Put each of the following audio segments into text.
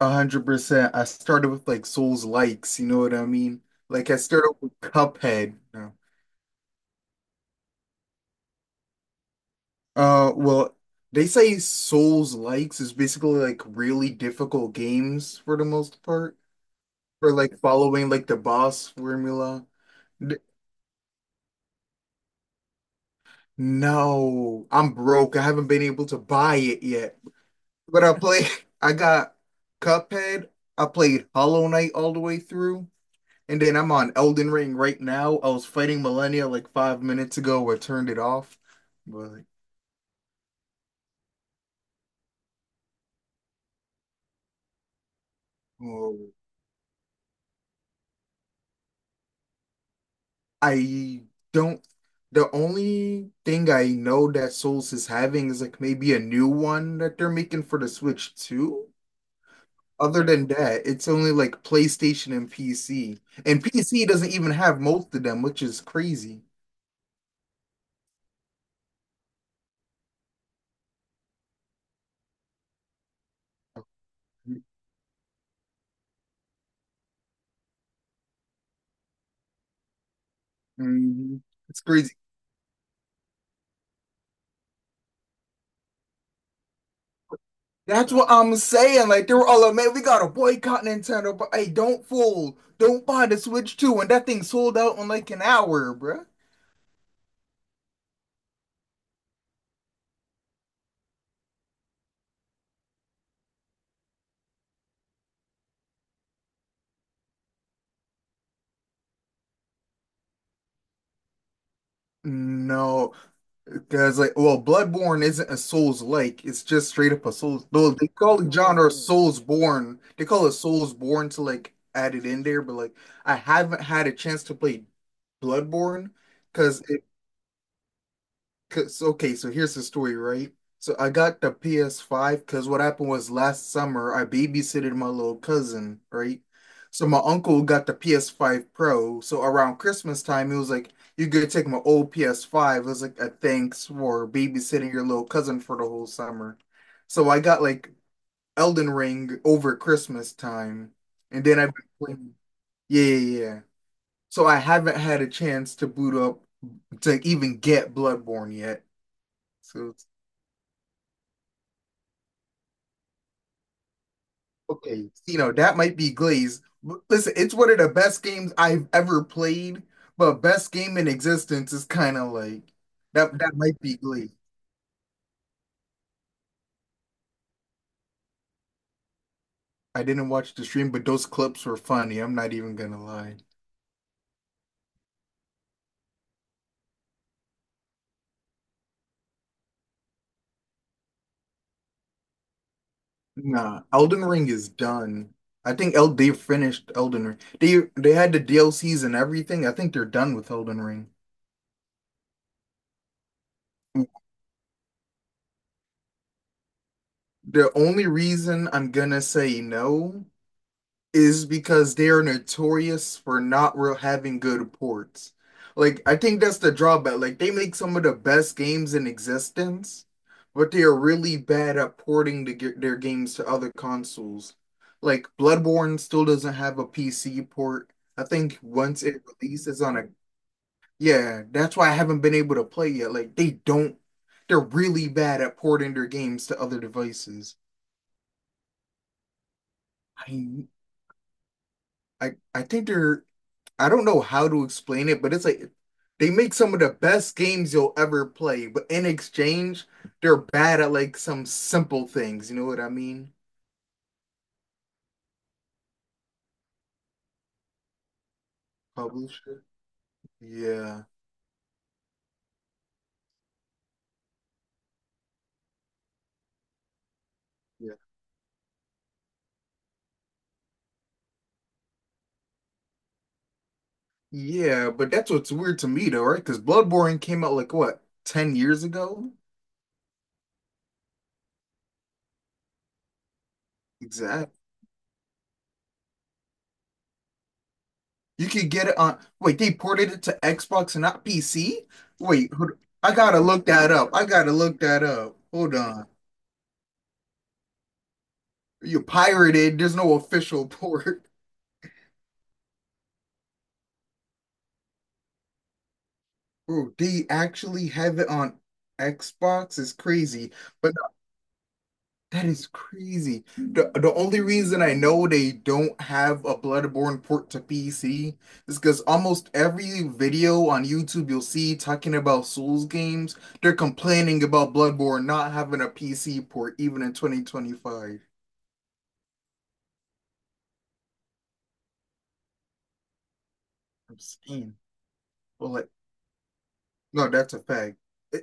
100%. I started with like Souls likes, you know what I mean? Like I started with Cuphead. No. Well, they say Souls likes is basically like really difficult games for the most part, or like following like the boss formula. D- No, I'm broke. I haven't been able to buy it yet. But I play. I got Cuphead. I played Hollow Knight all the way through. And then I'm on Elden Ring right now. I was fighting Millennia like 5 minutes ago I turned it off. But oh, I don't. The only thing I know that Souls is having is like maybe a new one that they're making for the Switch too. Other than that, it's only like PlayStation and PC. And PC doesn't even have most of them, which is crazy. Mhm. It's crazy. That's what I'm saying. Like they were all like, "Man, we gotta boycott Nintendo." But hey, don't fool. Don't buy the Switch 2 when that thing sold out in like an hour, bruh. No, because like, well, Bloodborne isn't a Souls-like. It's just straight up a Souls. Though they call the genre Soulsborne. They call it Soulsborne to like add it in there. But like, I haven't had a chance to play Bloodborne because Cause okay, so here's the story, right? So I got the PS5 because what happened was last summer I babysitted my little cousin, right? So my uncle got the PS5 Pro. So around Christmas time, he was like, "You could take my old PS5." It was like a thanks for babysitting your little cousin for the whole summer. So I got like Elden Ring over Christmas time, and then I've been playing. Yeah, yeah, yeah. So I haven't had a chance to boot up to even get Bloodborne yet. So. Okay, that might be Glaze. But listen, it's one of the best games I've ever played, but best game in existence is kind of like that. That might be Glaze. I didn't watch the stream, but those clips were funny. I'm not even gonna lie. Nah, Elden Ring is done. I think El they finished Elden Ring. They had the DLCs and everything. I think they're done with Elden Ring. The only reason I'm gonna say no is because they are notorious for not real having good ports. Like I think that's the drawback. Like they make some of the best games in existence, but they are really bad at porting their games to other consoles. Like Bloodborne still doesn't have a PC port. I think once it releases on a. Yeah, that's why I haven't been able to play yet. Like they don't, they're really bad at porting their games to other devices. I I think they're. I don't know how to explain it, but it's like they make some of the best games you'll ever play, but in exchange, they're bad at like some simple things. You know what I mean? Publisher. Yeah. Yeah. Yeah, but that's what's weird to me though, right? Because Bloodborne came out like what, 10 years ago? Exactly. You could get it on. Wait, they ported it to Xbox and not PC? Wait, I gotta look that up. I gotta look that up. Hold on. You pirated. There's no official port. Bro, they actually have it on Xbox is crazy, but no, that is crazy. The only reason I know they don't have a Bloodborne port to PC is because almost every video on YouTube you'll see talking about Souls games, they're complaining about Bloodborne not having a PC port even in 2025. I'm saying, well, no, that's a fact.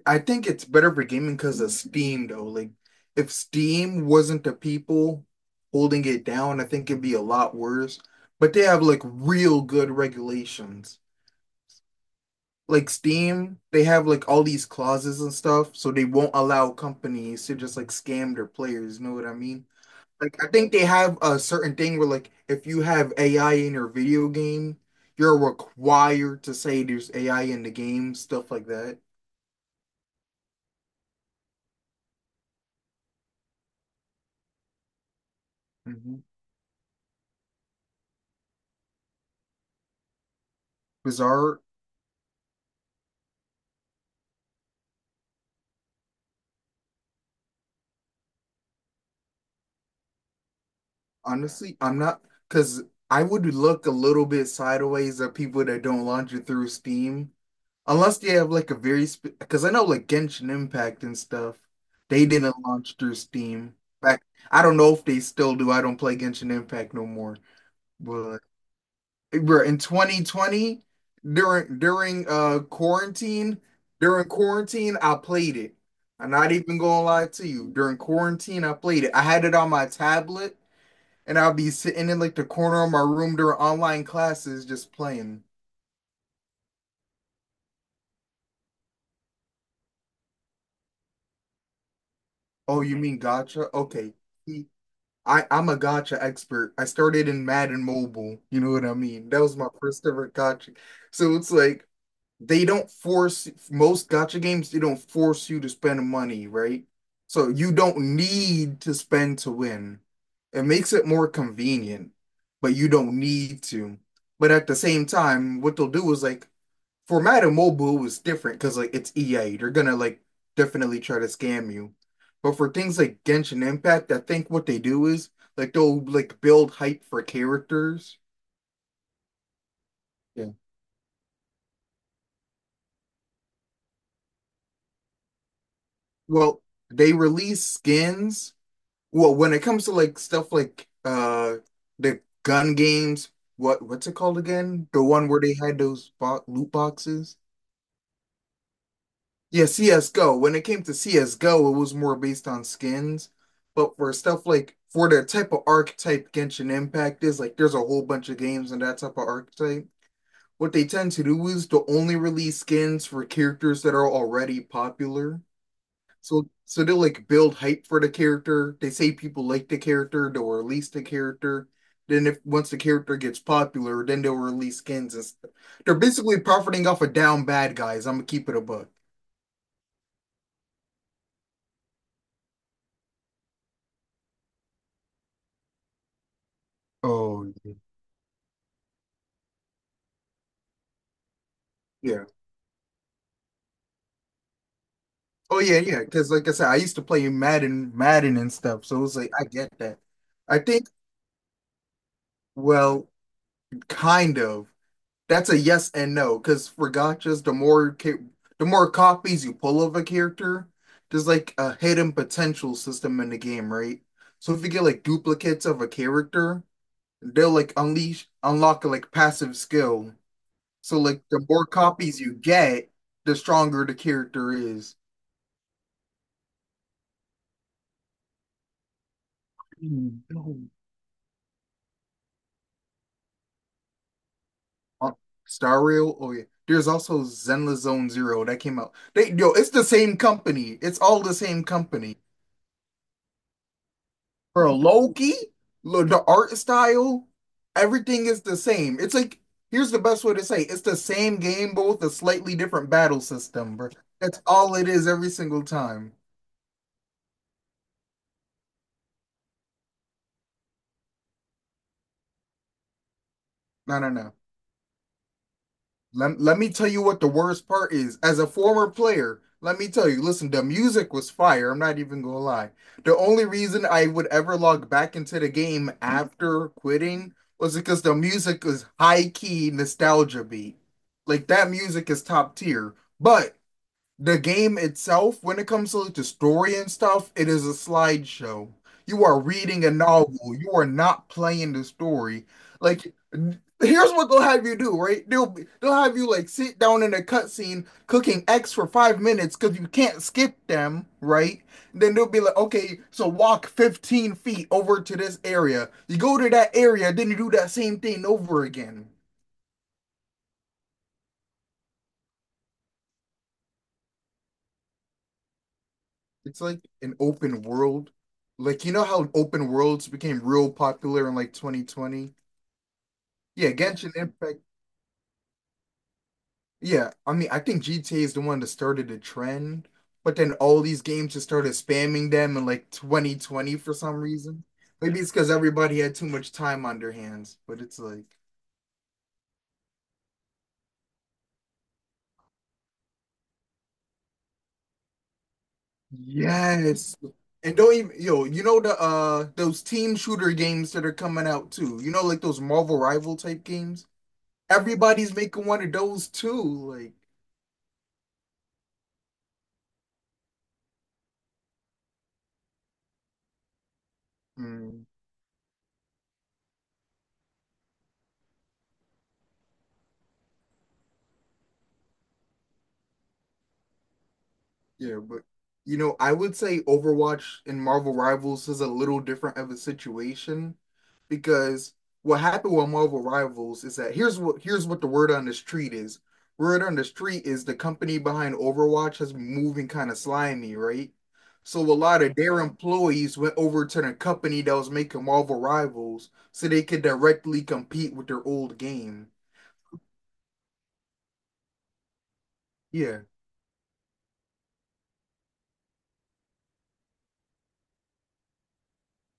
I think it's better for gaming because of Steam, though. Like, if Steam wasn't the people holding it down, I think it'd be a lot worse. But they have like real good regulations. Like Steam, they have like all these clauses and stuff, so they won't allow companies to just like scam their players. You know what I mean? Like, I think they have a certain thing where like if you have AI in your video game, you're required to say there's AI in the game, stuff like that. Bizarre, honestly, I'm not because I would look a little bit sideways at people that don't launch it through Steam, unless they have like a very because I know like Genshin Impact and stuff, they didn't launch through Steam. Back, I don't know if they still do. I don't play Genshin Impact no more. But bro, in 2020, during quarantine, during quarantine, I played it. I'm not even gonna lie to you. During quarantine, I played it. I had it on my tablet. And I'll be sitting in like the corner of my room during online classes just playing. Oh, you mean gotcha? Okay. See, I'm a gotcha expert. I started in Madden Mobile. You know what I mean? That was my first ever gotcha. So it's like they don't force most gacha games, they don't force you to spend money, right? So you don't need to spend to win. It makes it more convenient, but you don't need to. But at the same time, what they'll do is like for Madden Mobile is different because like it's EA. They're gonna like definitely try to scam you. But for things like Genshin Impact, I think what they do is like they'll like build hype for characters. Yeah. Well, they release skins. Well, when it comes to like stuff like the gun games, what's it called again? The one where they had those bo loot boxes? Yeah, CS:GO. When it came to CS:GO, it was more based on skins, but for stuff like for the type of archetype Genshin Impact is, like there's a whole bunch of games in that type of archetype. What they tend to do is to only release skins for characters that are already popular. So they'll like build hype for the character. They say people like the character, they'll release the character. Then if once the character gets popular, then they'll release skins and stuff. They're basically profiting off of down bad guys. I'm gonna keep it a buck. Oh, yeah. Yeah. Oh yeah, yeah. Because like I said, I used to play Madden and stuff. So it was like I get that. I think, well, kind of. That's a yes and no, because for gotchas, the more copies you pull of a character, there's like a hidden potential system in the game, right? So if you get like duplicates of a character, they'll like unleash unlock a like passive skill. So like the more copies you get, the stronger the character is. Mm, no. Uh, Star Rail, oh yeah. There's also Zenless Zone Zero that came out. They Yo, it's the same company. It's all the same company. Bro, Loki, the art style, everything is the same. It's like, here's the best way to say it. It's the same game, but with a slightly different battle system, bro. That's all it is every single time. I don't know. Let me tell you what the worst part is. As a former player, let me tell you, listen, the music was fire. I'm not even gonna lie. The only reason I would ever log back into the game after quitting was because the music was high key nostalgia beat. Like that music is top tier. But the game itself, when it comes to like the story and stuff, it is a slideshow. You are reading a novel. You are not playing the story. Like, here's what they'll have you do, right? They'll have you like sit down in a cutscene cooking X for 5 minutes because you can't skip them, right? Then they'll be like, okay, so walk 15 feet over to this area. You go to that area, then you do that same thing over again. It's like an open world. Like you know how open worlds became real popular in like 2020? Yeah, Genshin Impact. Yeah, I mean, I think GTA is the one that started the trend, but then all these games just started spamming them in like 2020 for some reason. Maybe it's because everybody had too much time on their hands, but it's like, yes. And don't even, yo, you know the those team shooter games that are coming out too. You know, like those Marvel Rival type games? Everybody's making one of those too. Like, mm, yeah, but I would say Overwatch and Marvel Rivals is a little different of a situation because what happened with Marvel Rivals is that here's what the word on the street is. Word on the street is the company behind Overwatch has been moving kind of slimy, right? So a lot of their employees went over to the company that was making Marvel Rivals so they could directly compete with their old game. Yeah.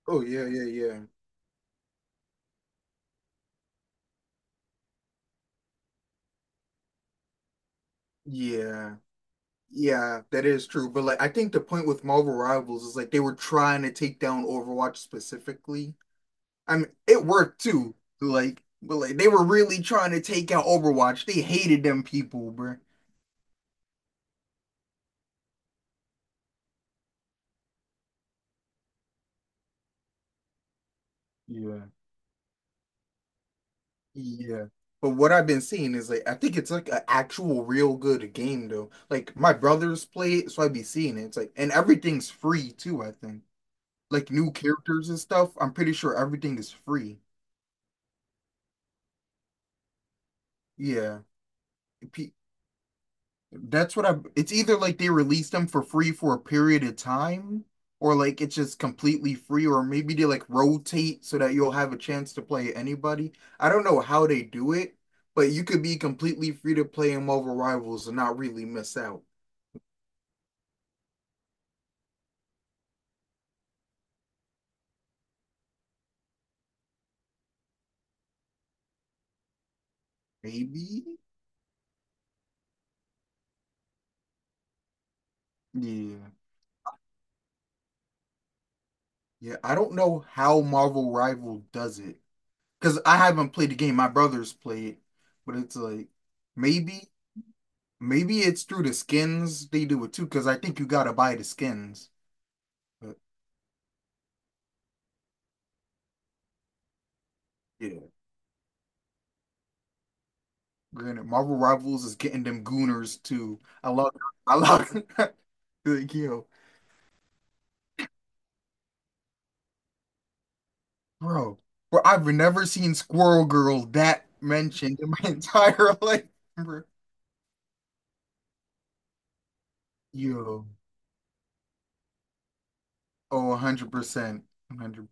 Oh yeah, yeah, yeah. Yeah. Yeah, that is true. But like I think the point with Marvel Rivals is like they were trying to take down Overwatch specifically. I mean, it worked too. Like, but like they were really trying to take out Overwatch. They hated them people, bro. Yeah. Yeah. But what I've been seeing is like I think it's like an actual real good game though. Like my brothers play it, so I be seeing it. It's like and everything's free too, I think. Like new characters and stuff. I'm pretty sure everything is free. Yeah. That's what I. It's either like they released them for free for a period of time, or like it's just completely free, or maybe they like rotate so that you'll have a chance to play anybody. I don't know how they do it, but you could be completely free to play them over rivals and not really miss out. Maybe? Yeah. Yeah. I don't know how Marvel Rival does it because I haven't played the game. My brothers play it, but it's like maybe, maybe it's through the skins they do it too because I think you gotta buy the skins. But yeah, granted, Marvel Rivals is getting them gooners too. I love, like yo, bro, bro. I've never seen Squirrel Girl that mentioned in my entire life, bro. Yo, oh, 100%, 100%.